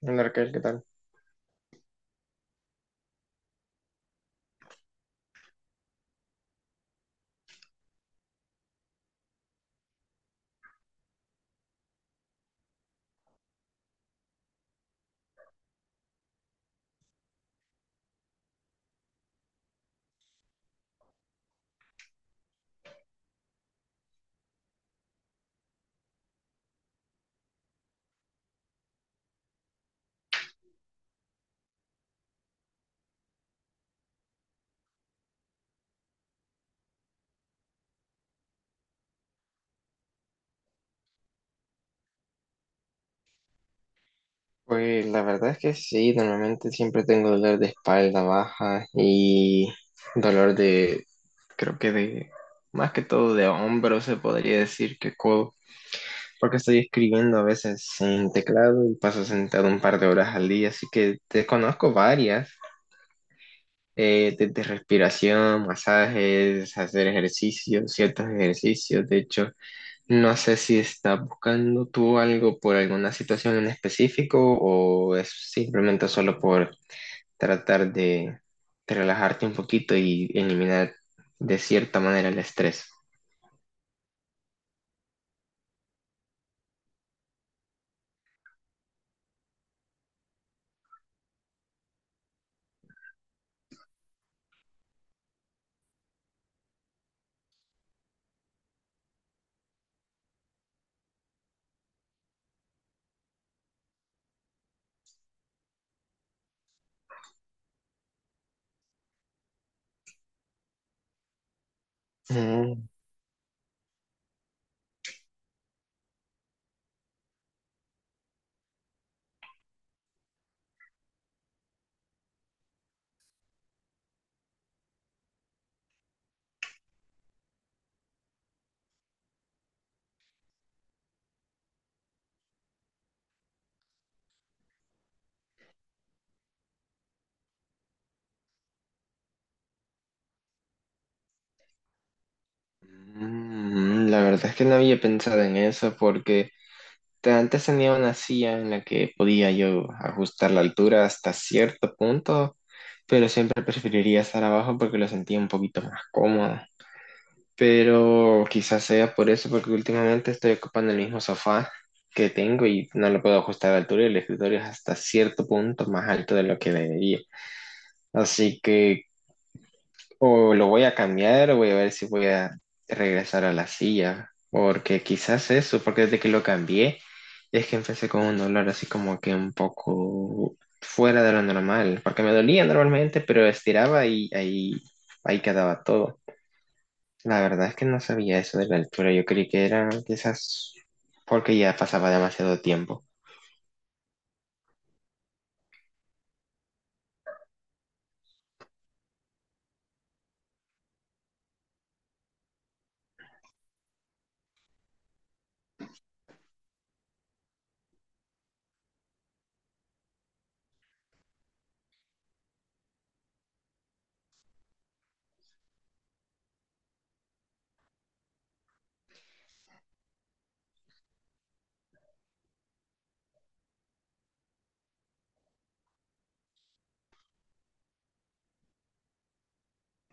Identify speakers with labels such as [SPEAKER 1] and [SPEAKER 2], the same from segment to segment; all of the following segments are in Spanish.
[SPEAKER 1] Hola Raquel, ¿qué tal? Pues la verdad es que sí, normalmente siempre tengo dolor de espalda baja y dolor de, creo que de, más que todo de hombro se podría decir que codo, porque estoy escribiendo a veces en teclado y paso sentado un par de horas al día, así que te conozco varias, desde respiración, masajes, hacer ejercicios, ciertos ejercicios, de hecho. No sé si estás buscando tú algo por alguna situación en específico o es simplemente solo por tratar de relajarte un poquito y eliminar de cierta manera el estrés. Mm. La verdad es que no había pensado en eso porque antes tenía una silla en la que podía yo ajustar la altura hasta cierto punto, pero siempre preferiría estar abajo porque lo sentía un poquito más cómodo. Pero quizás sea por eso, porque últimamente estoy ocupando el mismo sofá que tengo y no lo puedo ajustar a la altura y el escritorio es hasta cierto punto más alto de lo que debería. Así que o lo voy a cambiar o voy a ver si voy a regresar a la silla, porque quizás eso, porque desde que lo cambié es que empecé con un dolor así como que un poco fuera de lo normal, porque me dolía normalmente, pero estiraba y ahí, ahí quedaba todo. La verdad es que no sabía eso de la altura. Yo creí que era quizás porque ya pasaba demasiado tiempo.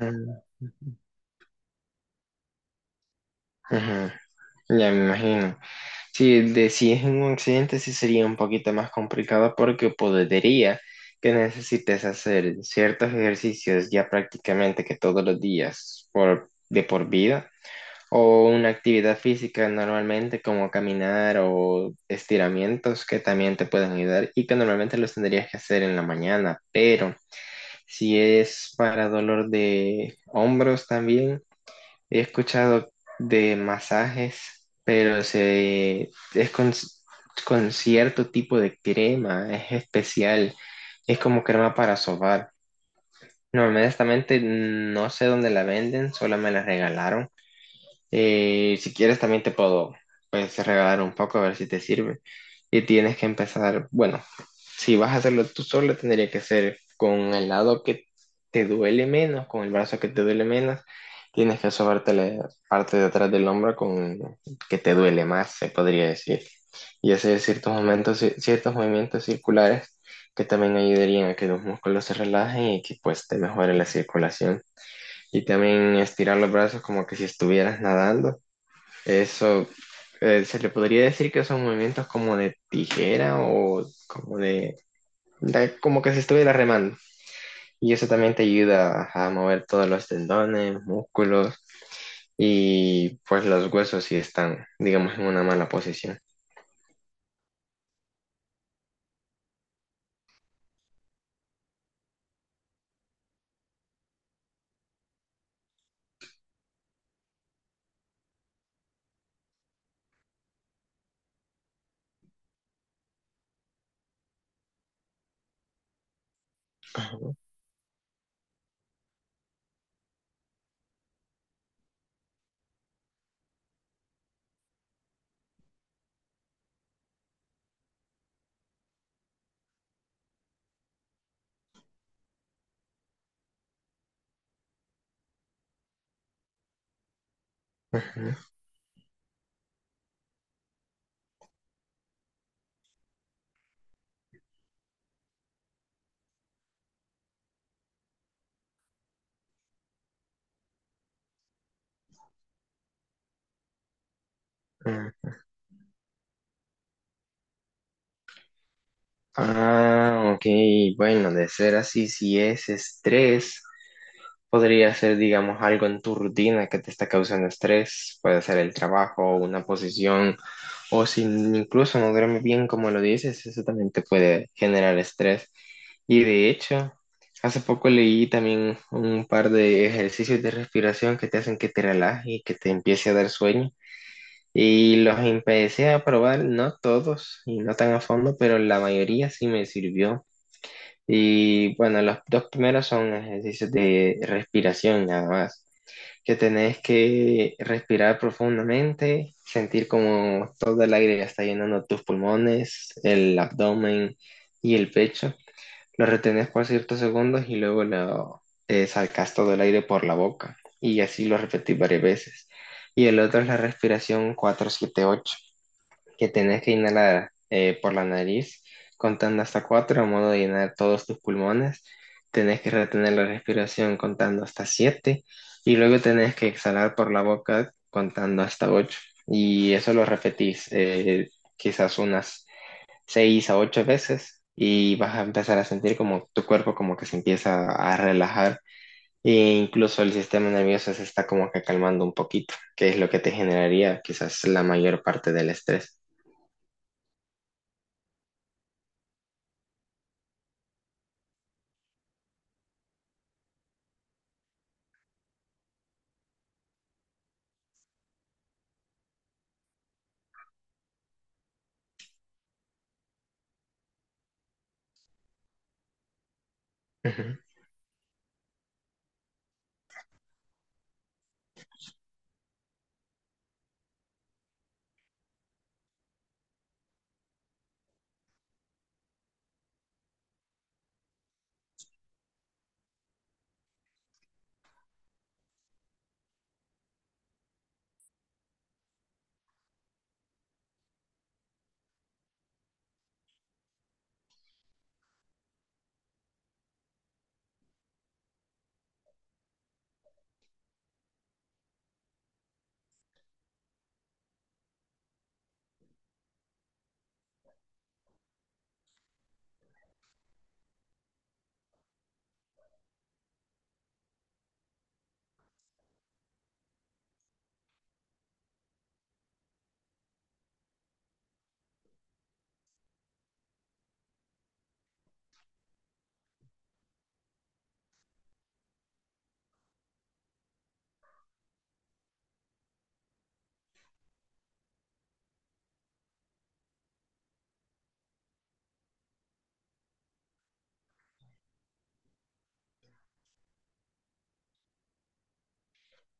[SPEAKER 1] Mm, ujú. Ya me imagino. Si es en un accidente, sí sería un poquito más complicado porque podría que necesites hacer ciertos ejercicios ya prácticamente que todos los días por, de por vida o una actividad física normalmente como caminar o estiramientos que también te pueden ayudar y que normalmente los tendrías que hacer en la mañana, pero si es para dolor de hombros también. He escuchado de masajes, pero es con cierto tipo de crema, es especial, es como crema para sobar. No, honestamente no sé dónde la venden, solo me la regalaron y si quieres también te puedo pues regalar un poco a ver si te sirve. Y tienes que empezar, bueno, si vas a hacerlo tú solo, tendría que ser con el lado que te duele menos, con el brazo que te duele menos. Tienes que sobarte la parte de atrás del hombro con que te duele más, se podría decir. Y hacer ciertos momentos, ciertos movimientos circulares que también ayudarían a que los músculos se relajen y que pues te mejore la circulación. Y también estirar los brazos como que si estuvieras nadando eso, se le podría decir que son movimientos como de tijera o como de, como que se estuviera remando. Y eso también te ayuda a mover todos los tendones, músculos y pues los huesos si están, digamos, en una mala posición. Ujú, ujú. Ah, ok, bueno, de ser así, si es estrés. Podría ser, digamos, algo en tu rutina que te está causando estrés, puede ser el trabajo, una posición, o si incluso no duermes bien como lo dices, eso también te puede generar estrés. Y de hecho, hace poco leí también un par de ejercicios de respiración que te hacen que te relajes y que te empiece a dar sueño. Y los empecé a probar, no todos y no tan a fondo, pero la mayoría sí me sirvió. Y bueno, los dos primeros son ejercicios de respiración nada más que tenés que respirar profundamente, sentir como todo el aire ya está llenando tus pulmones, el abdomen y el pecho. Lo retenés por ciertos segundos y luego lo sacás todo el aire por la boca. Y así lo repetís varias veces. Y el otro es la respiración 4-7-8 que tenés que inhalar por la nariz, contando hasta cuatro, a modo de llenar todos tus pulmones. Tenés que retener la respiración contando hasta siete y luego tenés que exhalar por la boca contando hasta ocho. Y eso lo repetís quizás unas seis a ocho veces y vas a empezar a sentir como tu cuerpo como que se empieza a relajar e incluso el sistema nervioso se está como que calmando un poquito, que es lo que te generaría quizás la mayor parte del estrés. Ujú.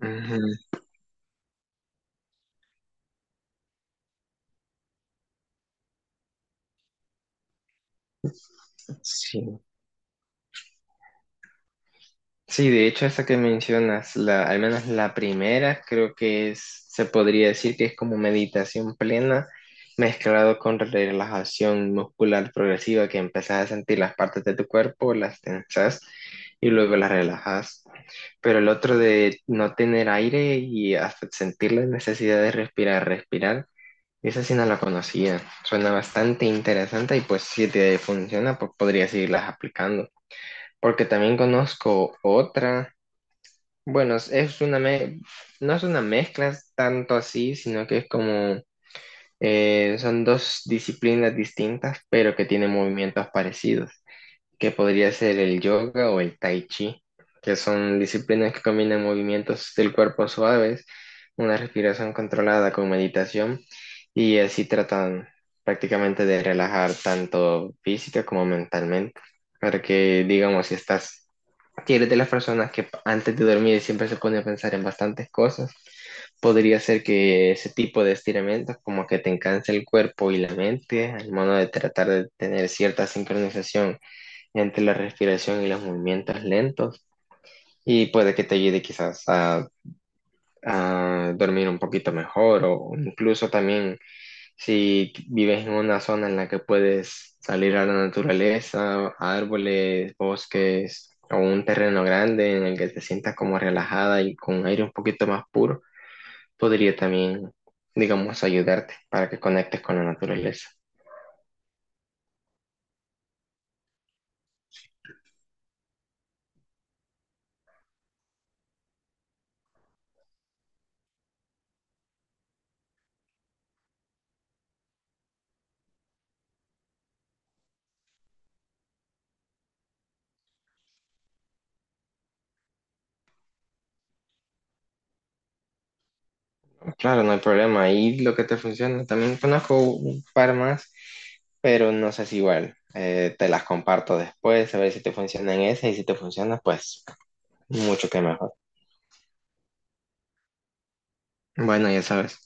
[SPEAKER 1] Ujú, sí. Sí, de hecho, esa que mencionas, la, al menos la primera, creo que es, se podría decir que es como meditación plena mezclado con relajación muscular progresiva, que empezás a sentir las partes de tu cuerpo, las tensas y luego las relajas. Pero el otro de no tener aire y hasta sentir la necesidad de respirar, respirar, esa sí no la conocía. Suena bastante interesante y pues si te funciona, pues podrías seguirlas aplicando. Porque también conozco otra, bueno, no es una mezcla tanto así, sino que es como, son dos disciplinas distintas, pero que tienen movimientos parecidos, que podría ser el yoga o el tai chi, que son disciplinas que combinan movimientos del cuerpo suaves, una respiración controlada con meditación, y así tratan prácticamente de relajar tanto física como mentalmente, para que, digamos, si estás que eres de las personas que antes de dormir siempre se pone a pensar en bastantes cosas, podría ser que ese tipo de estiramientos como que te encanse el cuerpo y la mente al modo de tratar de tener cierta sincronización entre la respiración y los movimientos lentos y puede que te ayude quizás a dormir un poquito mejor o incluso también si vives en una zona en la que puedes salir a la naturaleza, a árboles, bosques o un terreno grande en el que te sientas como relajada y con aire un poquito más puro, podría también, digamos, ayudarte para que conectes con la naturaleza. Claro, no hay problema. Ahí lo que te funciona. También conozco un par más, pero no sé si igual. Te las comparto después, a ver si te funcionan esas y si te funcionan, pues mucho que mejor. Bueno, ya sabes.